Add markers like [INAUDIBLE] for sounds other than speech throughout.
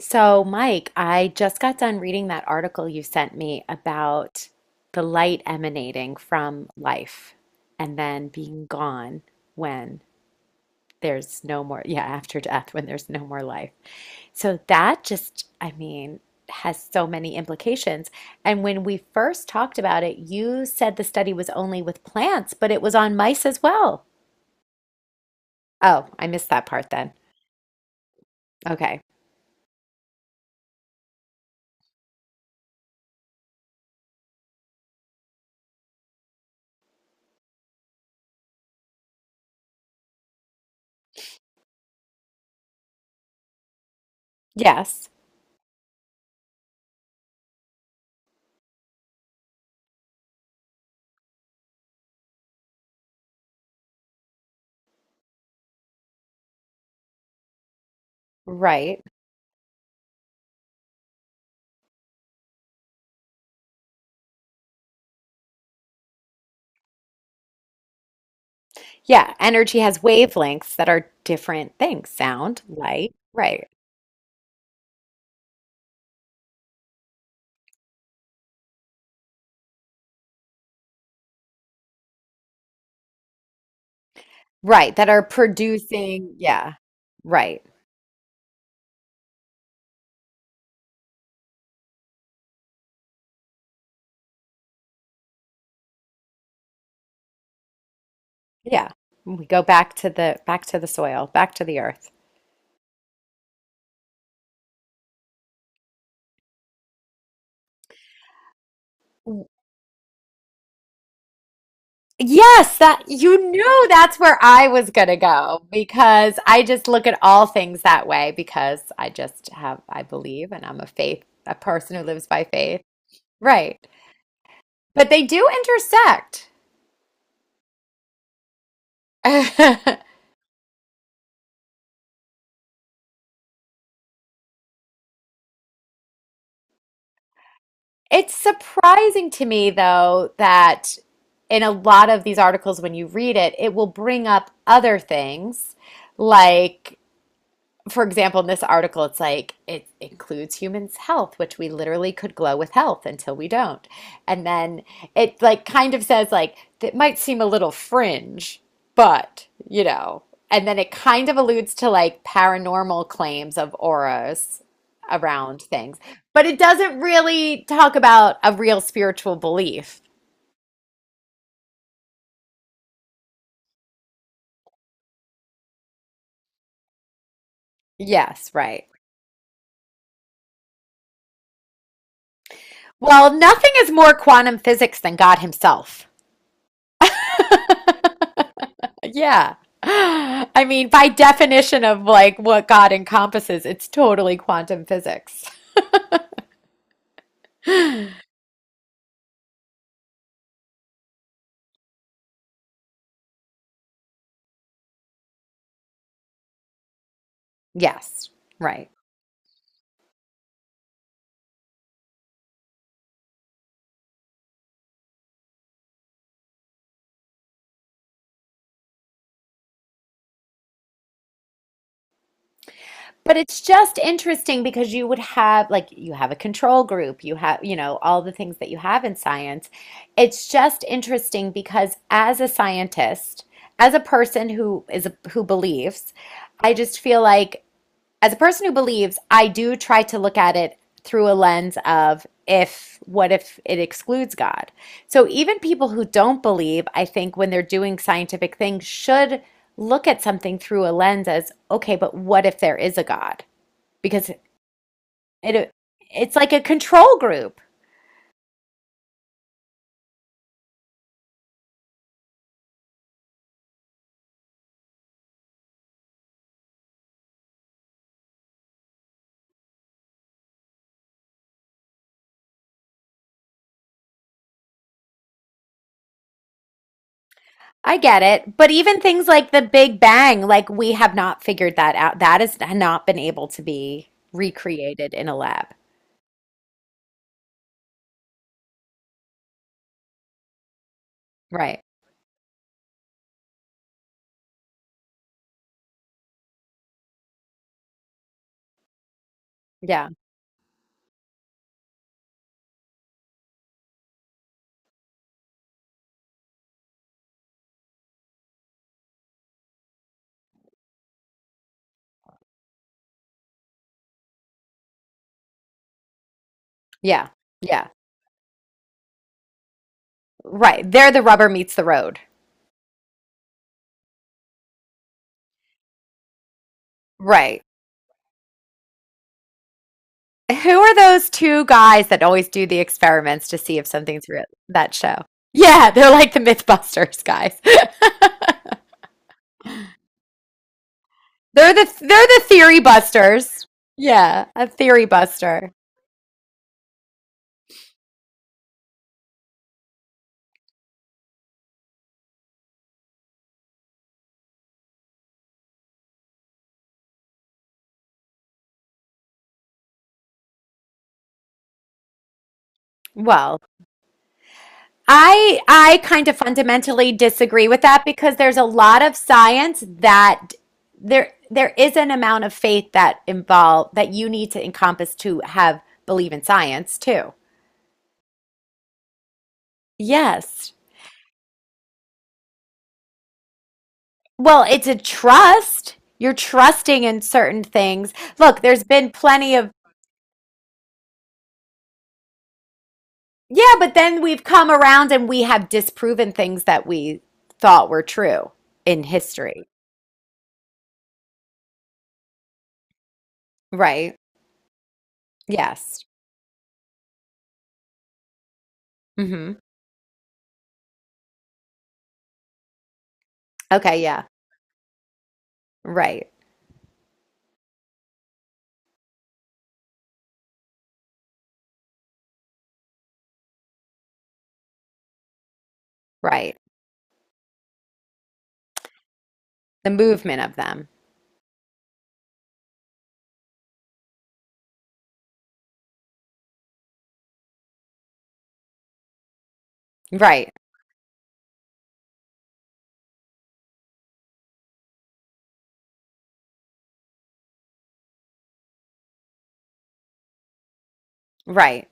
So, Mike, I just got done reading that article you sent me about the light emanating from life and then being gone when there's no more, yeah, after death, when there's no more life. So, that just, I mean, has so many implications. And when we first talked about it, you said the study was only with plants, but it was on mice as well. Oh, I missed that part then. Okay. Yes. Right. Yeah, energy has wavelengths that are different things, sound, light, right, right, that are producing, yeah, right, yeah. We go back to the soil, back to the earth. W- Yes, that you knew that's where I was gonna go because I just look at all things that way because I just have I believe and I'm a person who lives by faith. Right. But they do intersect. [LAUGHS] It's surprising to me, though, that in a lot of these articles, when you read it, it will bring up other things like for example, in this article, it's like it includes humans' health, which we literally could glow with health until we don't. And then it like kind of says like it might seem a little fringe, but you know. And then it kind of alludes to like paranormal claims of auras around things, but it doesn't really talk about a real spiritual belief. Yes, right. Well, nothing is more quantum physics than God Himself. Yeah. I mean, by definition of like what God encompasses, it's totally quantum physics. Yes, right. But it's just interesting because you would have, like, you have a control group, you have, all the things that you have in science. It's just interesting because as a scientist, as a person who believes, I just feel like as a person who believes, I do try to look at it through a lens of if, what if it excludes God? So even people who don't believe, I think when they're doing scientific things, should look at something through a lens as, okay, but what if there is a God? Because it it's like a control group. I get it. But even things like the Big Bang, like we have not figured that out. That has not been able to be recreated in a lab. Right. Yeah. Yeah. Yeah. Right. There the rubber meets the road. Right. Who are those two guys that always do the experiments to see if something's real? That show. Yeah, they're like the Mythbusters guys. [LAUGHS] They're the theory busters. Yeah, a theory buster. Well, I kind of fundamentally disagree with that because there's a lot of science that there is an amount of faith that you need to encompass to have believe in science too. Yes. Well, it's a trust. You're trusting in certain things. Look, there's been plenty of, yeah, but then we've come around and we have disproven things that we thought were true in history. Right. Yes. Hmm. Okay. Yeah. Right. Right. The movement of them. Right. Right.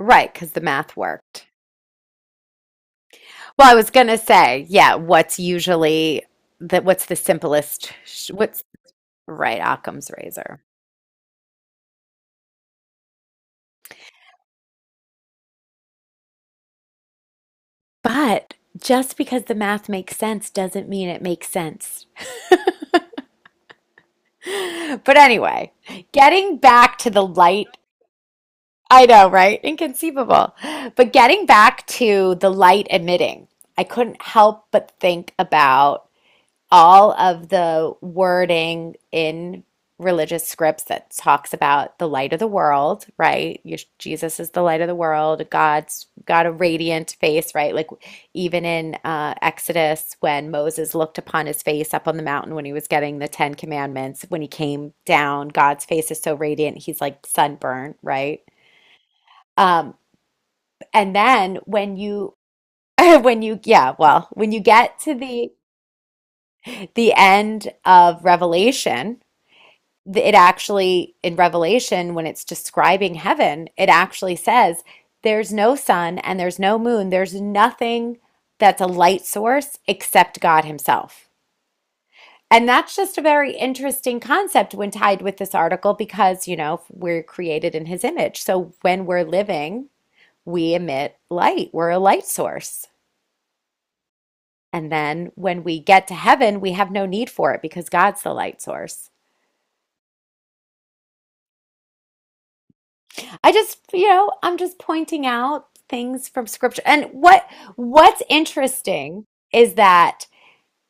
Right. Because the math worked. Well, I was going to say, yeah, what's usually what's the simplest, right, Occam's razor. But just because the math makes sense doesn't mean it makes sense. [GASPS] [LAUGHS] But anyway, getting back to the light, I know, right? Inconceivable. But getting back to the light emitting, I couldn't help but think about all of the wording in religious scripts that talks about the light of the world, right? Jesus is the light of the world. God's got a radiant face, right? Like even in Exodus, when Moses looked upon his face up on the mountain when he was getting the Ten Commandments, when he came down, God's face is so radiant, he's like sunburned, right? Um, and then when you [LAUGHS] when you yeah, well, when you get to the end of Revelation, it actually in Revelation, when it's describing heaven, it actually says there's no sun and there's no moon. There's nothing that's a light source except God Himself. And that's just a very interesting concept when tied with this article because, we're created in His image. So when we're living, we emit light, we're a light source. And then when we get to heaven, we have no need for it because God's the light source. I just, I'm just pointing out things from scripture. And what's interesting is that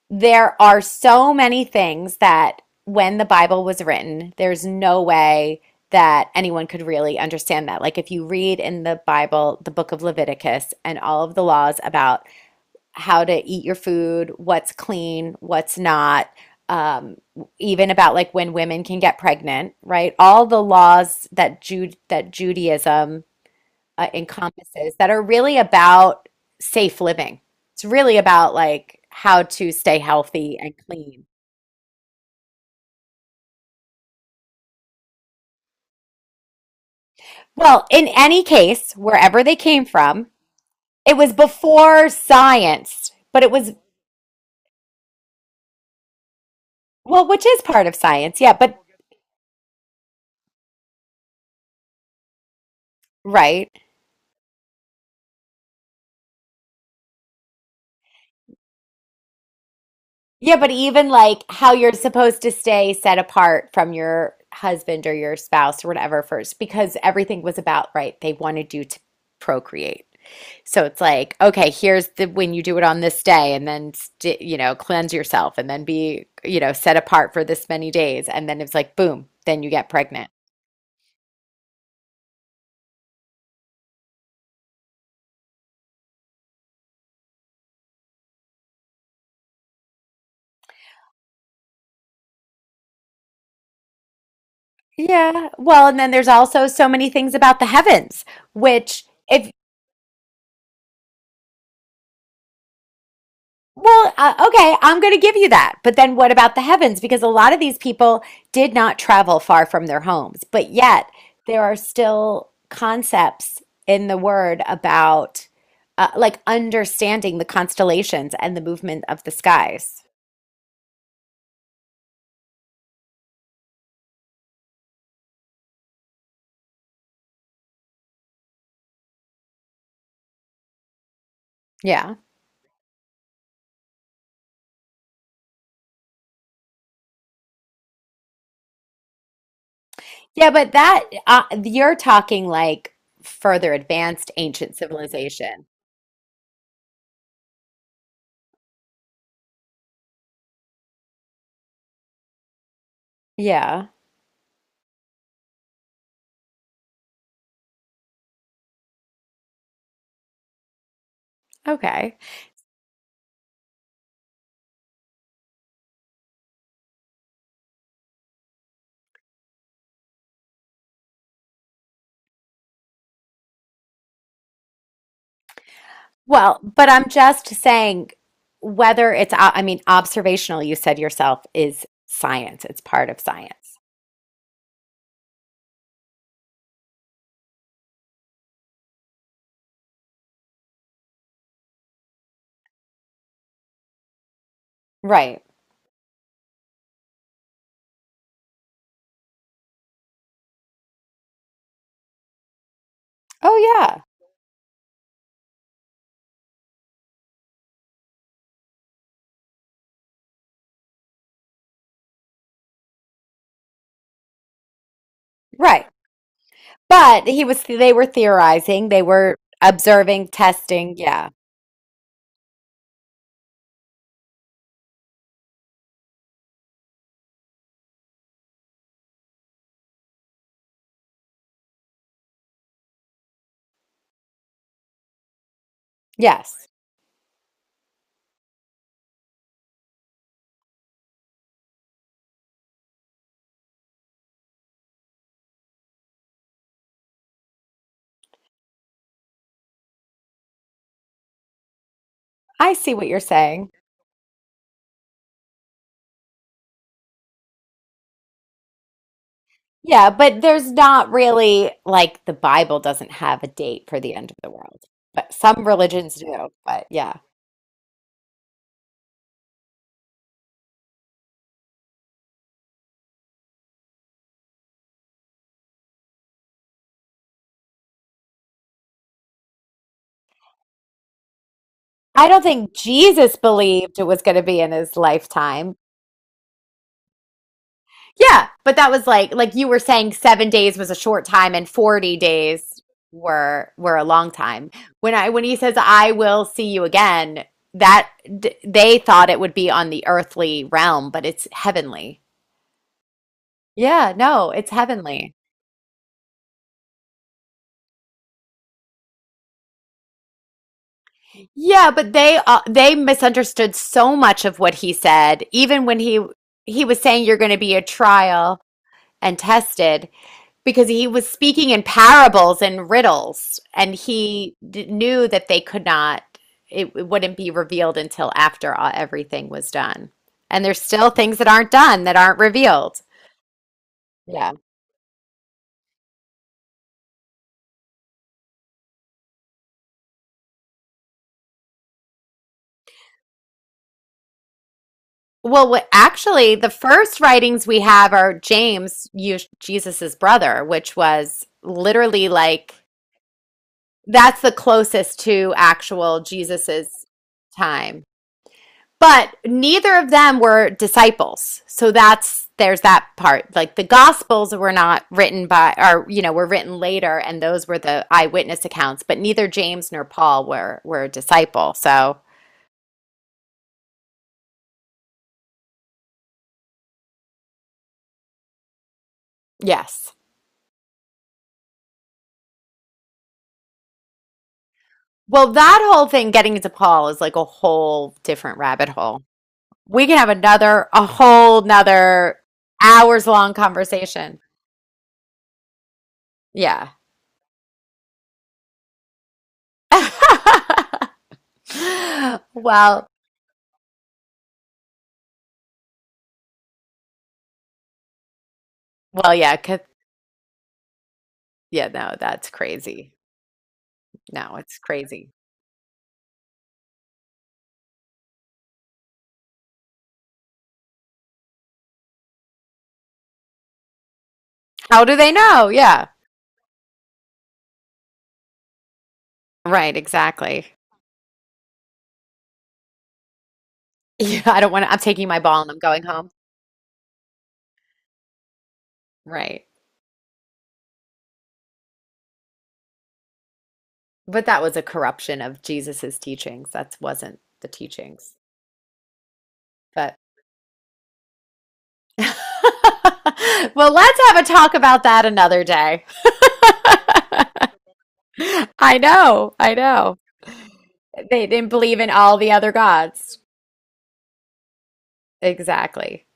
there are so many things that when the Bible was written, there's no way that anyone could really understand that. Like if you read in the Bible, the book of Leviticus and all of the laws about how to eat your food, what's clean, what's not, um, even about like when women can get pregnant, right? All the laws that Judaism encompasses that are really about safe living. It's really about like how to stay healthy and clean. Well, in any case, wherever they came from, it was before science, but it was, well, which is part of science. Yeah, but right. Yeah, but even like how you're supposed to stay set apart from your husband or your spouse or whatever first, because everything was about, right, they wanted you to procreate. So it's like, okay, here's the when you do it on this day, and then cleanse yourself, and then be, set apart for this many days, and then it's like, boom, then you get pregnant. Yeah, well, and then there's also so many things about the heavens, which if, well, okay, I'm going to give you that. But then what about the heavens? Because a lot of these people did not travel far from their homes, but yet there are still concepts in the word about like understanding the constellations and the movement of the skies. Yeah. Yeah, but that you're talking like further advanced ancient civilization. Yeah. Okay. Well, but I'm just saying whether it's, I mean, observational, you said yourself, is science. It's part of science. Right. Oh, yeah. Right. But they were theorizing, they were observing, testing. Yeah. Yes. I see what you're saying. Yeah. But there's not really, like, the Bible doesn't have a date for the end of the world, but some religions do. But yeah. I don't think Jesus believed it was going to be in his lifetime. Yeah, but that was like you were saying 7 days was a short time and 40 days were a long time. When he says I will see you again, that they thought it would be on the earthly realm, but it's heavenly. Yeah, no, it's heavenly. Yeah, but they misunderstood so much of what he said, even when he was saying you're going to be a trial and tested, because he was speaking in parables and riddles, and he d knew that they could not, it wouldn't be revealed until after everything was done. And there's still things that aren't done that aren't revealed. Yeah. Well, actually, the first writings we have are James, you, Jesus's brother, which was literally like that's the closest to actual Jesus's time. But neither of them were disciples. So that's there's that part. Like the gospels were not written by or were written later and those were the eyewitness accounts, but neither James nor Paul were a disciple. So, yes. Well, that whole thing getting into Paul is like a whole different rabbit hole. We can have another a whole nother hours long conversation. Yeah. [LAUGHS] well, well, yeah, yeah, no, that's crazy. No, it's crazy. How do they know? Yeah. Right, exactly. [LAUGHS] Yeah, I don't want to, I'm taking my ball and I'm going home. Right. But that was a corruption of Jesus's teachings. That wasn't the teachings. But [LAUGHS] well, let's have a talk about that another day. [LAUGHS] I know, I know. They didn't believe in all the other gods. Exactly.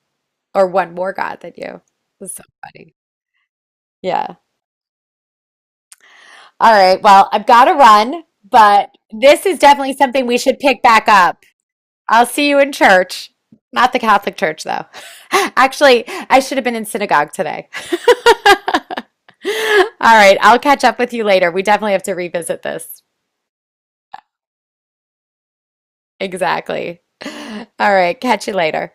Or one more god than you. It was so funny. Yeah. All right. Well, I've got to run, but this is definitely something we should pick back up. I'll see you in church. Not the Catholic Church, though. [LAUGHS] Actually, I should have been in synagogue today. [LAUGHS] All right. I'll catch up with you later. We definitely have to revisit this. Exactly. All right. Catch you later.